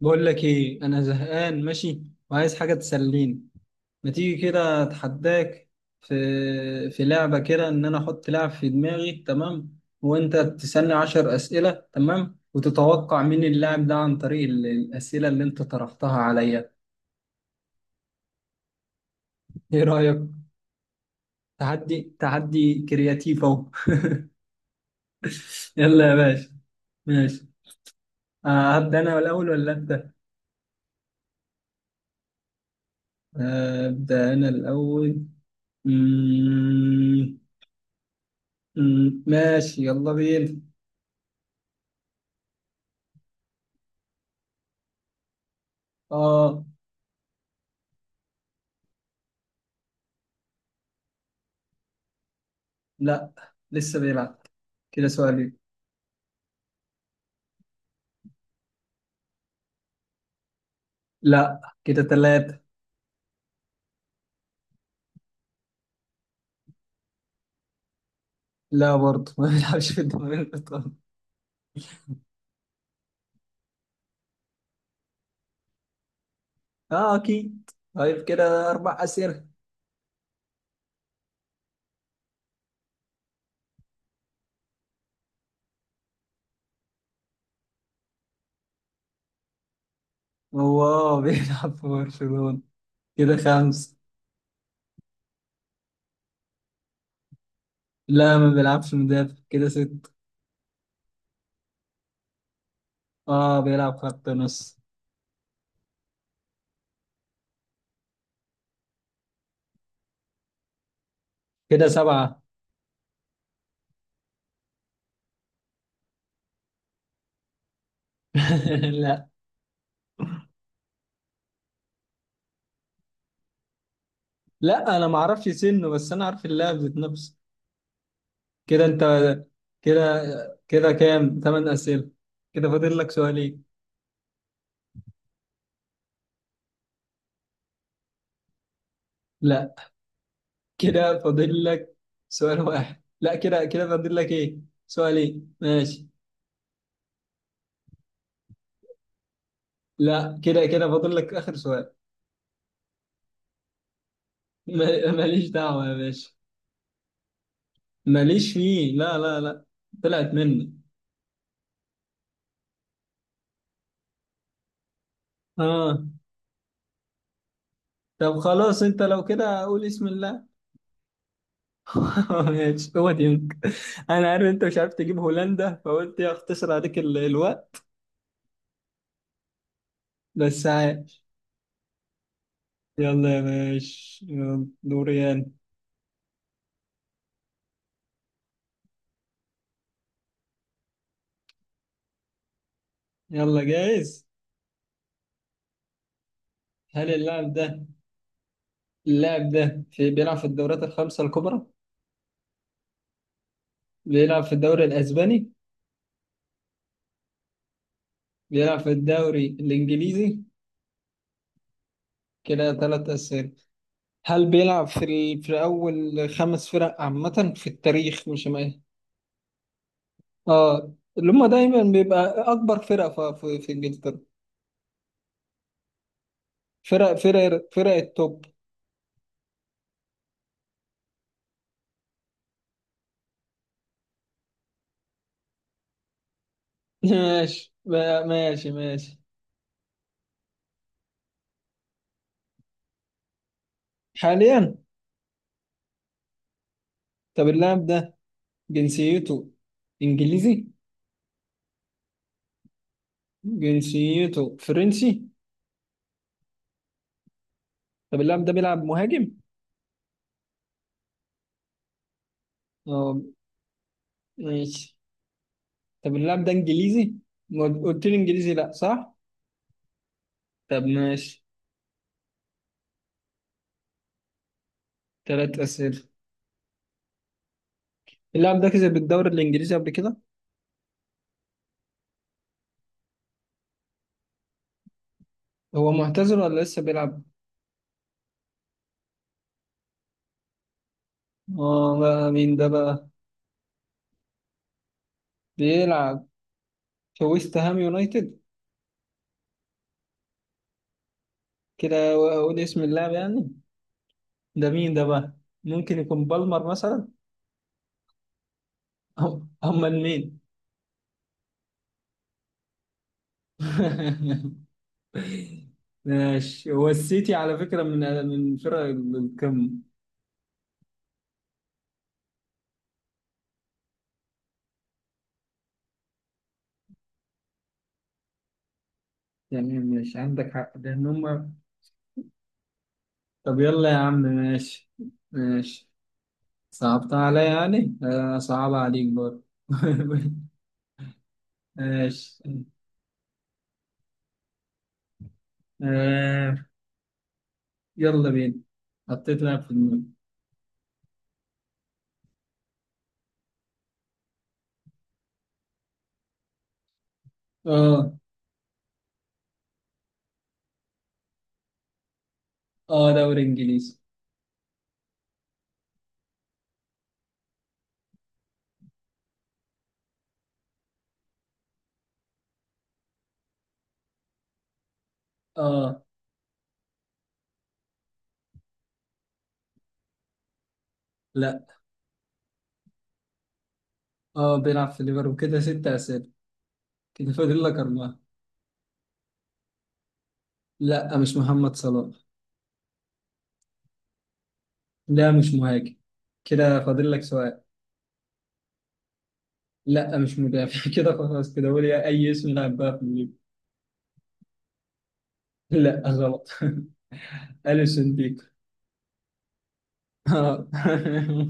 بقول لك ايه؟ انا زهقان، ماشي وعايز حاجه تسليني. ما تيجي كده؟ اتحداك. في في لعبه كده، ان انا احط لعب في دماغي، تمام، وانت تسالني عشر اسئله، تمام، وتتوقع مين اللاعب ده عن طريق الاسئله اللي انت طرحتها عليا. ايه رايك؟ تحدي، تحدي كرياتيف اهو. يلا يا باشا. ماشي. هبدا انا الاول ولا انت؟ ابدا انا الاول. مم، ماشي، يلا بينا. اه. لا، لسه بيلعب. كده سؤالين. لا، كده ثلاثة. لا برضه، ما بيلعبش في الدوري الإيطالي. اه أكيد. طيب كده أربع أسئلة. هو اه بيلعب في برشلونة. كده خمسة. لا، ما بيلعبش مدافع. كده ستة. اه، بيلعب خط نص. كده سبعة. لا لا، أنا ما أعرفش سنه، بس أنا عارف اللاعب ذات نفسه. كده أنت. كده كده كام؟ ثمان أسئلة. كده فاضل لك سؤالين. لا، كده فاضل لك سؤال واحد. لا، كده فاضل لك ايه؟ سؤالين، ماشي. لا، كده فاضل لك اخر سؤال. ماليش دعوة يا باشا. ماليش فيه، لا لا لا. طلعت مني. اه. طب خلاص، انت لو كده قول اسم الله. ماشي، هو ديونج. انا عارف انت مش عارف تجيب هولندا، فقلت يا اختصر عليك الوقت. بس عايش. يلا يا باشا، يلا دوريان. يلا جاهز. هل اللاعب ده، اللاعب ده في بيلعب في الدوريات الخمسة الكبرى؟ بيلعب في الدوري الأسباني؟ بيلعب في الدوري الإنجليزي؟ كده ثلاث أسئلة. هل بيلعب في أول خمس فرق عامة في التاريخ؟ مش ما... اللي هم دايما بيبقى أكبر فرقة في إنجلترا. فرق التوب. ماشي، ماشي ماشي. حاليا. طب اللاعب ده جنسيته إنجليزي؟ جنسيته فرنسي؟ طب اللاعب ده بيلعب مهاجم؟ آه، ماشي. طب اللاعب ده انجليزي؟ ما قلت لي انجليزي، لا صح؟ طب ماشي. ثلاث اسئله. اللاعب ده كسب الدوري الانجليزي قبل كده؟ هو معتزل ولا لسه بيلعب؟ اه، بقى مين ده بقى؟ بيلعب في ويست هام يونايتد. كده اقول اسم اللاعب يعني. ده مين ده بقى؟ ممكن يكون بالمر مثلا؟ امال مين؟ ماشي، هو السيتي على فكره من فرق القمه. يعني مش عندك حق لان هم. طب يلا يا عم، ماشي. ماشي. صعبتها عليا يعني، صعب عليك برضه. ماشي. آه يلا بينا. حطيت لاعب في دماغي. اه. اه، دوري انجليزي. اه. لا. اه، بيلعب في ليفربول. كده ست اسئله. كده فاضل لك اربعه. لا، مش محمد صلاح. لا، مش مهاجم. كده فاضل لك سؤال. لا، مش مدافع. كده خلاص، كده قول يا اي اسم لاعب بقى في الليفر. لا، غلط. اليسون بيكو. اه.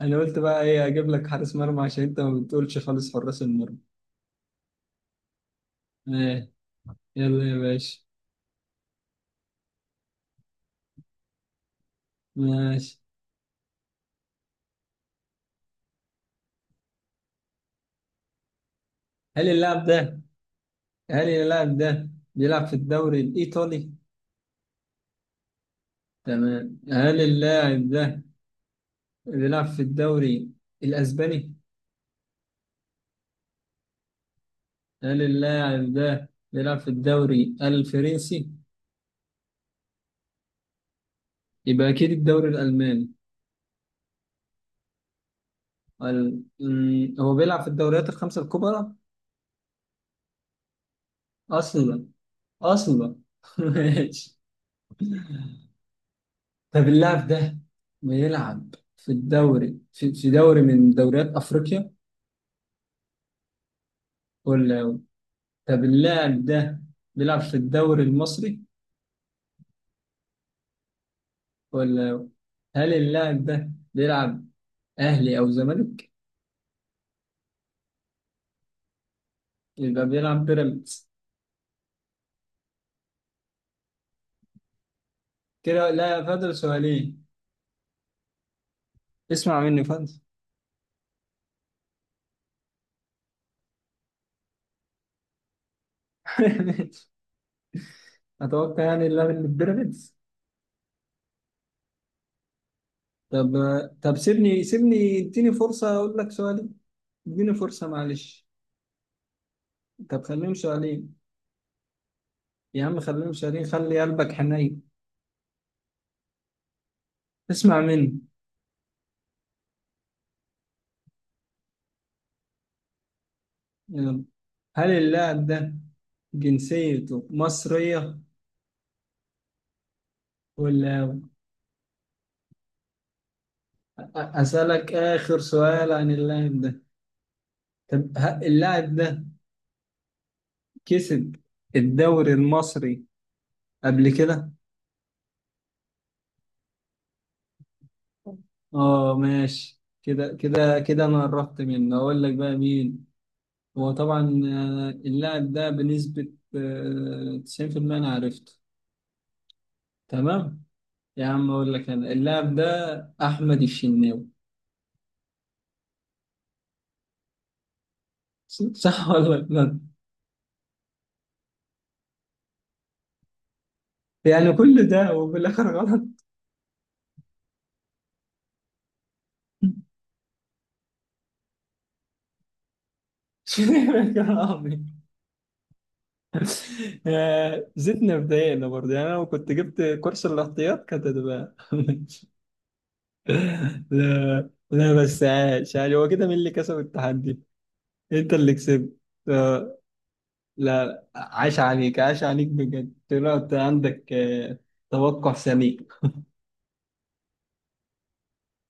انا قلت بقى ايه؟ اجيب لك حارس مرمى، عشان انت ما بتقولش خالص حراس المرمى. ايه. يلا يا باشا. ماشي. هل اللاعب ده، هل اللاعب ده بيلعب في الدوري الايطالي؟ تمام. هل اللاعب ده بيلعب في الدوري الاسباني؟ هل اللاعب ده بيلعب في الدوري الفرنسي؟ يبقى اكيد الدوري الالماني. ال... مم، هو بيلعب في الدوريات الخمسه الكبرى؟ اصلا. اصلا. ماشي. طب اللاعب ده بيلعب في الدوري في دوري من دوريات افريقيا؟ ولا طب اللاعب ده بيلعب في الدوري المصري؟ ولا هل اللاعب ده بيلعب اهلي او زمالك؟ يبقى بيلعب بيراميدز. كده لا، فاضل سؤالين. اسمع مني، فاضل. اتوقع يعني اللاعب اللي في بيراميدز. طب، طب سيبني اديني فرصة اقول لك سؤالين. اديني فرصة معلش. طب خليهم سؤالين. يا عم خليهم سؤالين، خلي قلبك حنين. اسمع مني. يلا. هل اللاعب ده جنسيته مصرية؟ ولا أسألك آخر سؤال عن اللاعب ده. طب اللاعب ده كسب الدوري المصري قبل كده؟ اه، ماشي. كده انا قربت منه. اقول لك بقى مين؟ هو طبعا، اللاعب ده بنسبة 90% انا عرفته. تمام. يا عم اقول لك انا اللاعب ده احمد الشناوي. صح ولا لا؟ يعني كل ده وفي الاخر غلط. شنو يا عمي؟ زدنا بدايقنا برضه. يعني انا لو كنت جبت كورس الاحتياط كانت هتبقى لا لا، بس عاش. يعني هو كده مين اللي كسب التحدي؟ انت اللي كسبت. آه، لا لا، عاش عليك، عاش عليك بجد. طلعت عندك. توقع سميك.